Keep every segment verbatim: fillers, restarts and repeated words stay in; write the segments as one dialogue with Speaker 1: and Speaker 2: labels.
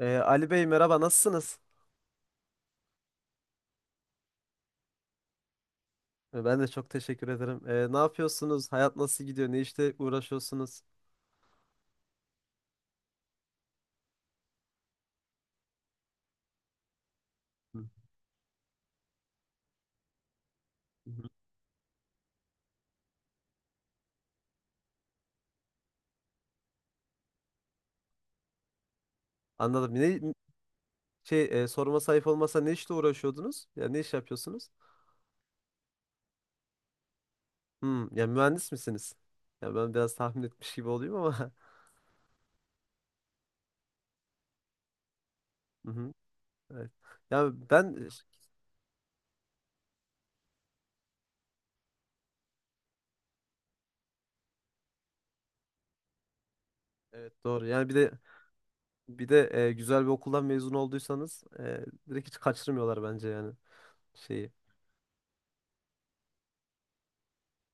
Speaker 1: Ee, Ali Bey merhaba, nasılsınız? Ee, Ben de çok teşekkür ederim. Ee, ne yapıyorsunuz? Hayat nasıl gidiyor? Ne işle uğraşıyorsunuz? Hı, hı. Anladım. Ne şey e, sorma sayıp olmasa ne işle uğraşıyordunuz? Ya ne iş yapıyorsunuz? Hmm, ya mühendis misiniz? Ya ben biraz tahmin etmiş gibi olayım ama. Hı hı, evet. Ya ben evet, doğru. Yani bir de bir de e, güzel bir okuldan mezun olduysanız e, direkt hiç kaçırmıyorlar bence yani şeyi.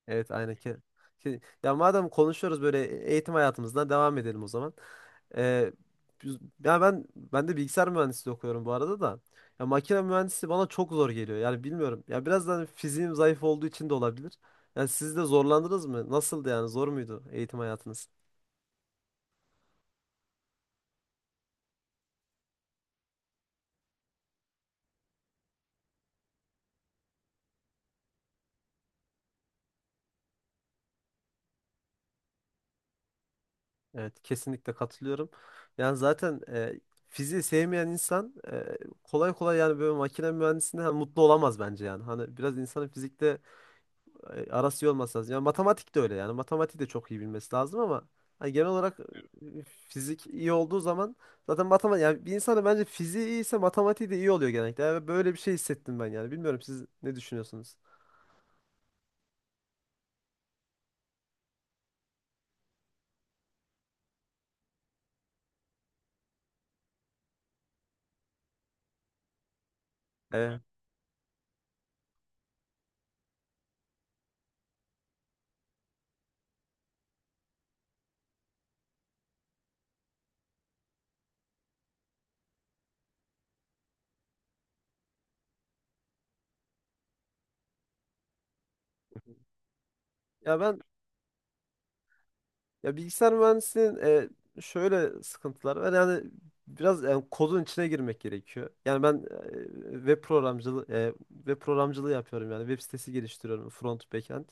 Speaker 1: Evet aynen. Ke- Ke- Ya madem konuşuyoruz böyle, eğitim hayatımızdan devam edelim o zaman. Ee, biz- ya ben ben de bilgisayar mühendisliği okuyorum bu arada da. Ya makine mühendisi bana çok zor geliyor. Yani bilmiyorum. Ya biraz da hani fiziğim zayıf olduğu için de olabilir. Yani siz de zorlandınız mı? Nasıldı yani? Zor muydu eğitim hayatınız? Evet, kesinlikle katılıyorum. Yani zaten e, fiziği sevmeyen insan e, kolay kolay yani böyle makine mühendisliğinde hani mutlu olamaz bence yani. Hani biraz insanın fizikte e, arası iyi olması lazım. Yani matematik de öyle yani. Matematik de çok iyi bilmesi lazım ama hani genel olarak e, fizik iyi olduğu zaman zaten matematik yani bir insana bence fiziği iyiyse matematiği de iyi oluyor genellikle. Yani böyle bir şey hissettim ben yani. Bilmiyorum, siz ne düşünüyorsunuz? E, ya ben ya bilgisayar mühendisliğinin e, şöyle sıkıntıları var. Yani biraz yani kodun içine girmek gerekiyor. Yani ben e, web programcılığı e, web programcılığı yapıyorum yani. Web sitesi geliştiriyorum, front backend.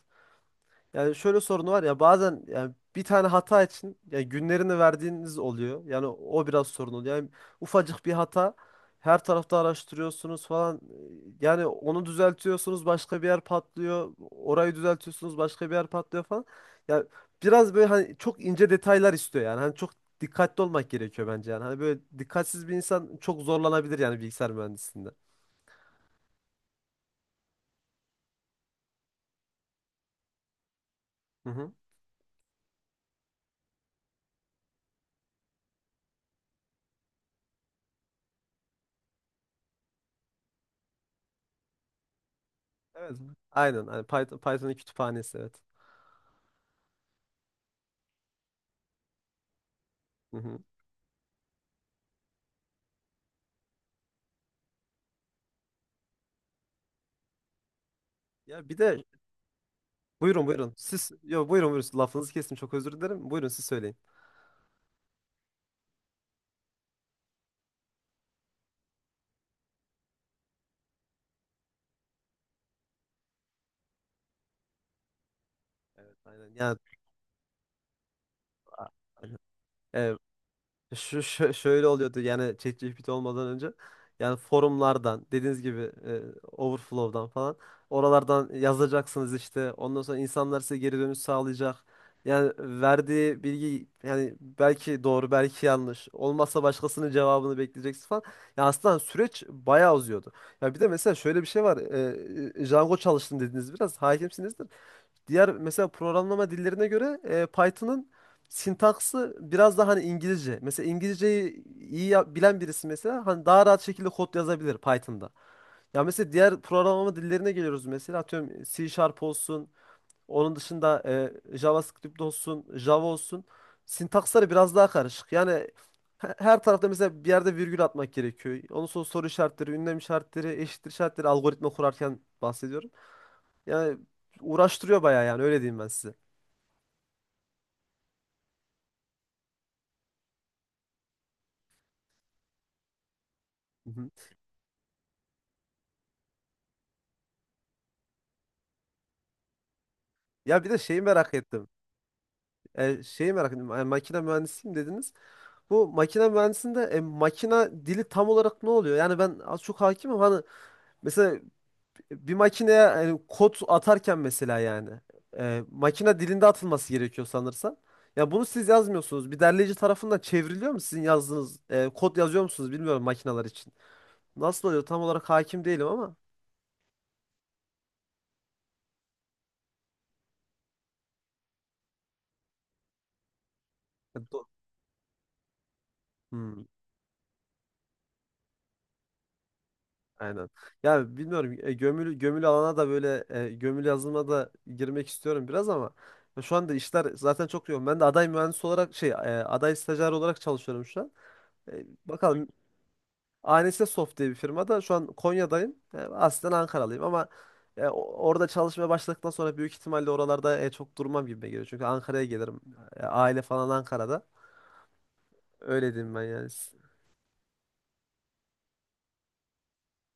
Speaker 1: Yani şöyle sorunu var, ya bazen yani bir tane hata için yani günlerini verdiğiniz oluyor. Yani o biraz sorun oluyor. Yani ufacık bir hata her tarafta araştırıyorsunuz falan. e, Yani onu düzeltiyorsunuz başka bir yer patlıyor. Orayı düzeltiyorsunuz başka bir yer patlıyor falan. Ya biraz böyle hani çok ince detaylar istiyor yani. Hani çok dikkatli olmak gerekiyor bence yani. Hani böyle dikkatsiz bir insan çok zorlanabilir yani bilgisayar mühendisliğinde. Hı hı. Evet. Aynen. Hani Python, Python'ın kütüphanesi, evet. Hı hı. Ya bir de buyurun buyurun. Siz, yo, buyurun buyurun. Lafınızı kestim, çok özür dilerim. Buyurun siz söyleyin. Evet aynen. Yani a- aynen. Ee, Şu, şö- şöyle oluyordu yani, ChatGPT olmadan önce yani forumlardan dediğiniz gibi e, Overflow'dan falan oralardan yazacaksınız işte, ondan sonra insanlar size geri dönüş sağlayacak. Yani verdiği bilgi yani belki doğru belki yanlış olmazsa başkasının cevabını bekleyeceksin falan. Ya aslında süreç bayağı uzuyordu. Ya bir de mesela şöyle bir şey var. E, e, Django çalıştım dediniz, biraz hakimsinizdir. Diğer mesela programlama dillerine göre e, Python'ın sintaksı biraz daha hani İngilizce. Mesela İngilizceyi iyi ya- bilen birisi mesela hani daha rahat şekilde kod yazabilir Python'da. Ya mesela diğer programlama dillerine geliyoruz, mesela atıyorum C Sharp olsun, onun dışında e, JavaScript olsun, Java olsun. Sintaksları biraz daha karışık. Yani he- her tarafta mesela bir yerde virgül atmak gerekiyor. Onun sonra soru işaretleri, ünlem işaretleri, eşittir işaretleri, algoritma kurarken bahsediyorum. Yani uğraştırıyor bayağı, yani öyle diyeyim ben size. Hı hı. Ya bir de şeyi merak ettim. E, şeyi merak ettim. E, makine mühendisiyim dediniz. Bu makine mühendisinde e, makine dili tam olarak ne oluyor? Yani ben az çok hakimim. Hani mesela bir makineye yani kod atarken mesela yani e, makine dilinde atılması gerekiyor sanırsam. Ya bunu siz yazmıyorsunuz. Bir derleyici tarafından çevriliyor mu, sizin yazdığınız e, kod yazıyor musunuz bilmiyorum makineler için. Nasıl oluyor? Tam olarak hakim değilim ama. E, do- Hmm. Aynen. Ya bilmiyorum e, gömülü gömülü alana da, böyle e, gömülü yazılıma da girmek istiyorum biraz ama ya şu anda işler zaten çok yoğun. Ben de aday mühendis olarak şey e, aday stajyer olarak çalışıyorum şu an. E, bakalım, A N S Soft diye bir firmada şu an Konya'dayım. E, aslen Ankaralıyım ama e, o- orada çalışmaya başladıktan sonra büyük ihtimalle oralarda e, çok durmam gibi geliyor. Çünkü Ankara'ya gelirim. E, aile falan Ankara'da. Öyle diyeyim ben yani.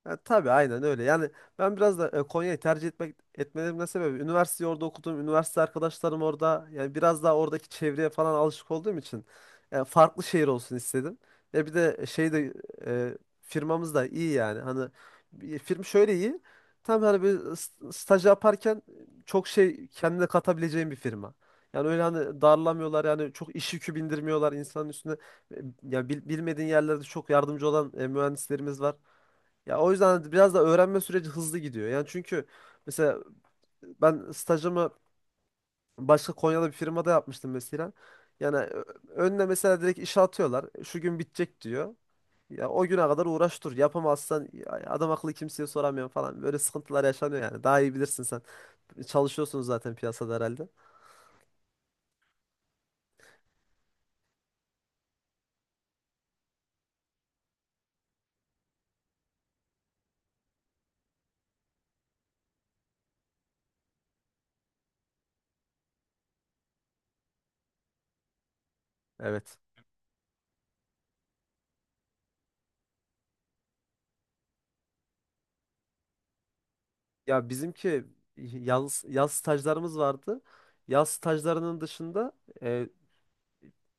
Speaker 1: Ya, tabii aynen öyle. Yani ben biraz da e, Konya'yı tercih etmek etmelerimin de sebebi, üniversiteyi orada okudum. Üniversite arkadaşlarım orada. Yani biraz daha oradaki çevreye falan alışık olduğum için yani farklı şehir olsun istedim. Ya bir de şey de e, firmamız da iyi yani. Hani bir firma şöyle iyi. Tam hani bir s- staj yaparken çok şey kendine katabileceğin bir firma. Yani öyle hani darlamıyorlar yani, çok iş yükü bindirmiyorlar insanın üstüne. E, Ya bil- bilmediğin yerlerde çok yardımcı olan e, mühendislerimiz var. Ya o yüzden biraz da öğrenme süreci hızlı gidiyor. Yani çünkü mesela ben stajımı başka Konya'da bir firmada yapmıştım mesela. Yani ö- önüne mesela direkt işe atıyorlar. Şu gün bitecek diyor. Ya o güne kadar uğraş dur. Yapamazsan ya adam akıllı kimseye soramıyorum falan. Böyle sıkıntılar yaşanıyor yani. Daha iyi bilirsin sen. Çalışıyorsunuz zaten piyasada herhalde. Evet. Ya bizimki yaz, yaz stajlarımız vardı. Yaz stajlarının dışında e,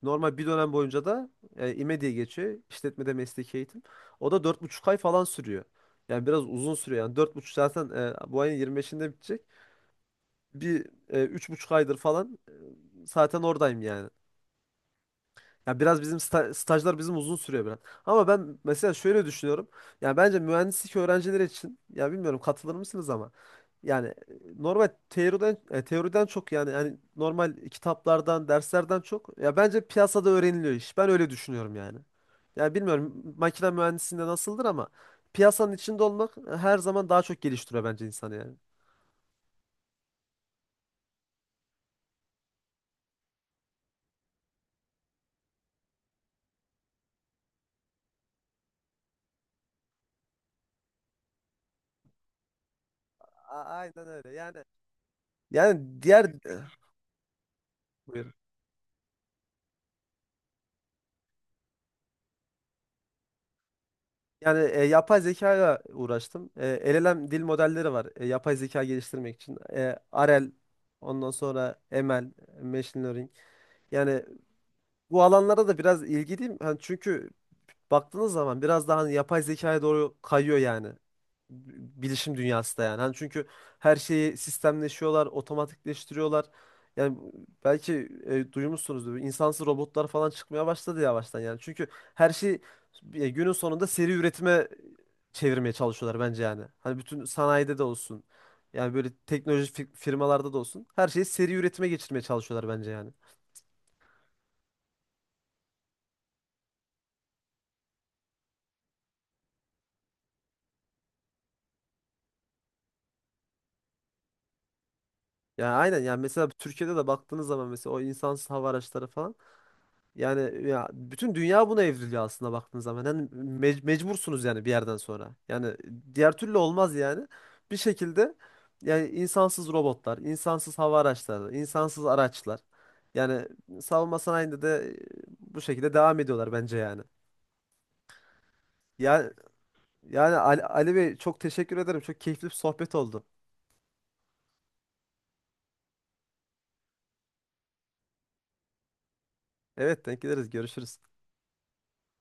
Speaker 1: normal bir dönem boyunca da e, İME diye geçiyor. İşletmede mesleki eğitim. O da dört buçuk ay falan sürüyor. Yani biraz uzun sürüyor. Yani dört buçuk zaten e, bu ayın yirmi beşinde bitecek. Bir e, üç buçuk aydır falan e, zaten oradayım yani. Ya biraz bizim sta- stajlar bizim uzun sürüyor biraz. Ama ben mesela şöyle düşünüyorum. Ya bence mühendislik öğrencileri için, ya bilmiyorum katılır mısınız ama yani e, normal teoriden e, teoriden çok yani yani normal kitaplardan, derslerden çok ya bence piyasada öğreniliyor iş. Ben öyle düşünüyorum yani. Ya bilmiyorum makine mühendisliğinde nasıldır ama piyasanın içinde olmak e, her zaman daha çok geliştiriyor bence insanı yani. A- aynen öyle. Yani yani diğer e, buyurun. Yani e, yapay zekayla uğraştım. E, L L M dil modelleri var. E, yapay zeka geliştirmek için. E, R L, ondan sonra M L, Machine Learning. Yani bu alanlara da biraz ilgiliyim. Hani çünkü baktığınız zaman biraz daha hani yapay zekaya doğru kayıyor yani. Bilişim dünyası da yani. Hani çünkü her şeyi sistemleşiyorlar, otomatikleştiriyorlar. Yani belki e, duymuşsunuzdur. İnsansız robotlar falan çıkmaya başladı yavaştan yani. Çünkü her şey e, günün sonunda seri üretime çevirmeye çalışıyorlar bence yani. Hani bütün sanayide de olsun. Yani böyle teknoloji fi- firmalarda da olsun. Her şeyi seri üretime geçirmeye çalışıyorlar bence yani. Yani aynen yani mesela Türkiye'de de baktığınız zaman mesela o insansız hava araçları falan yani ya bütün dünya buna evriliyor aslında baktığınız zaman. Yani mec- mecbursunuz yani bir yerden sonra. Yani diğer türlü olmaz yani. Bir şekilde yani insansız robotlar, insansız hava araçları, insansız araçlar. Yani savunma sanayinde de e, bu şekilde devam ediyorlar bence yani. Ya yani Ali, Ali Bey çok teşekkür ederim. Çok keyifli bir sohbet oldu. Evet, denk geliriz. Görüşürüz.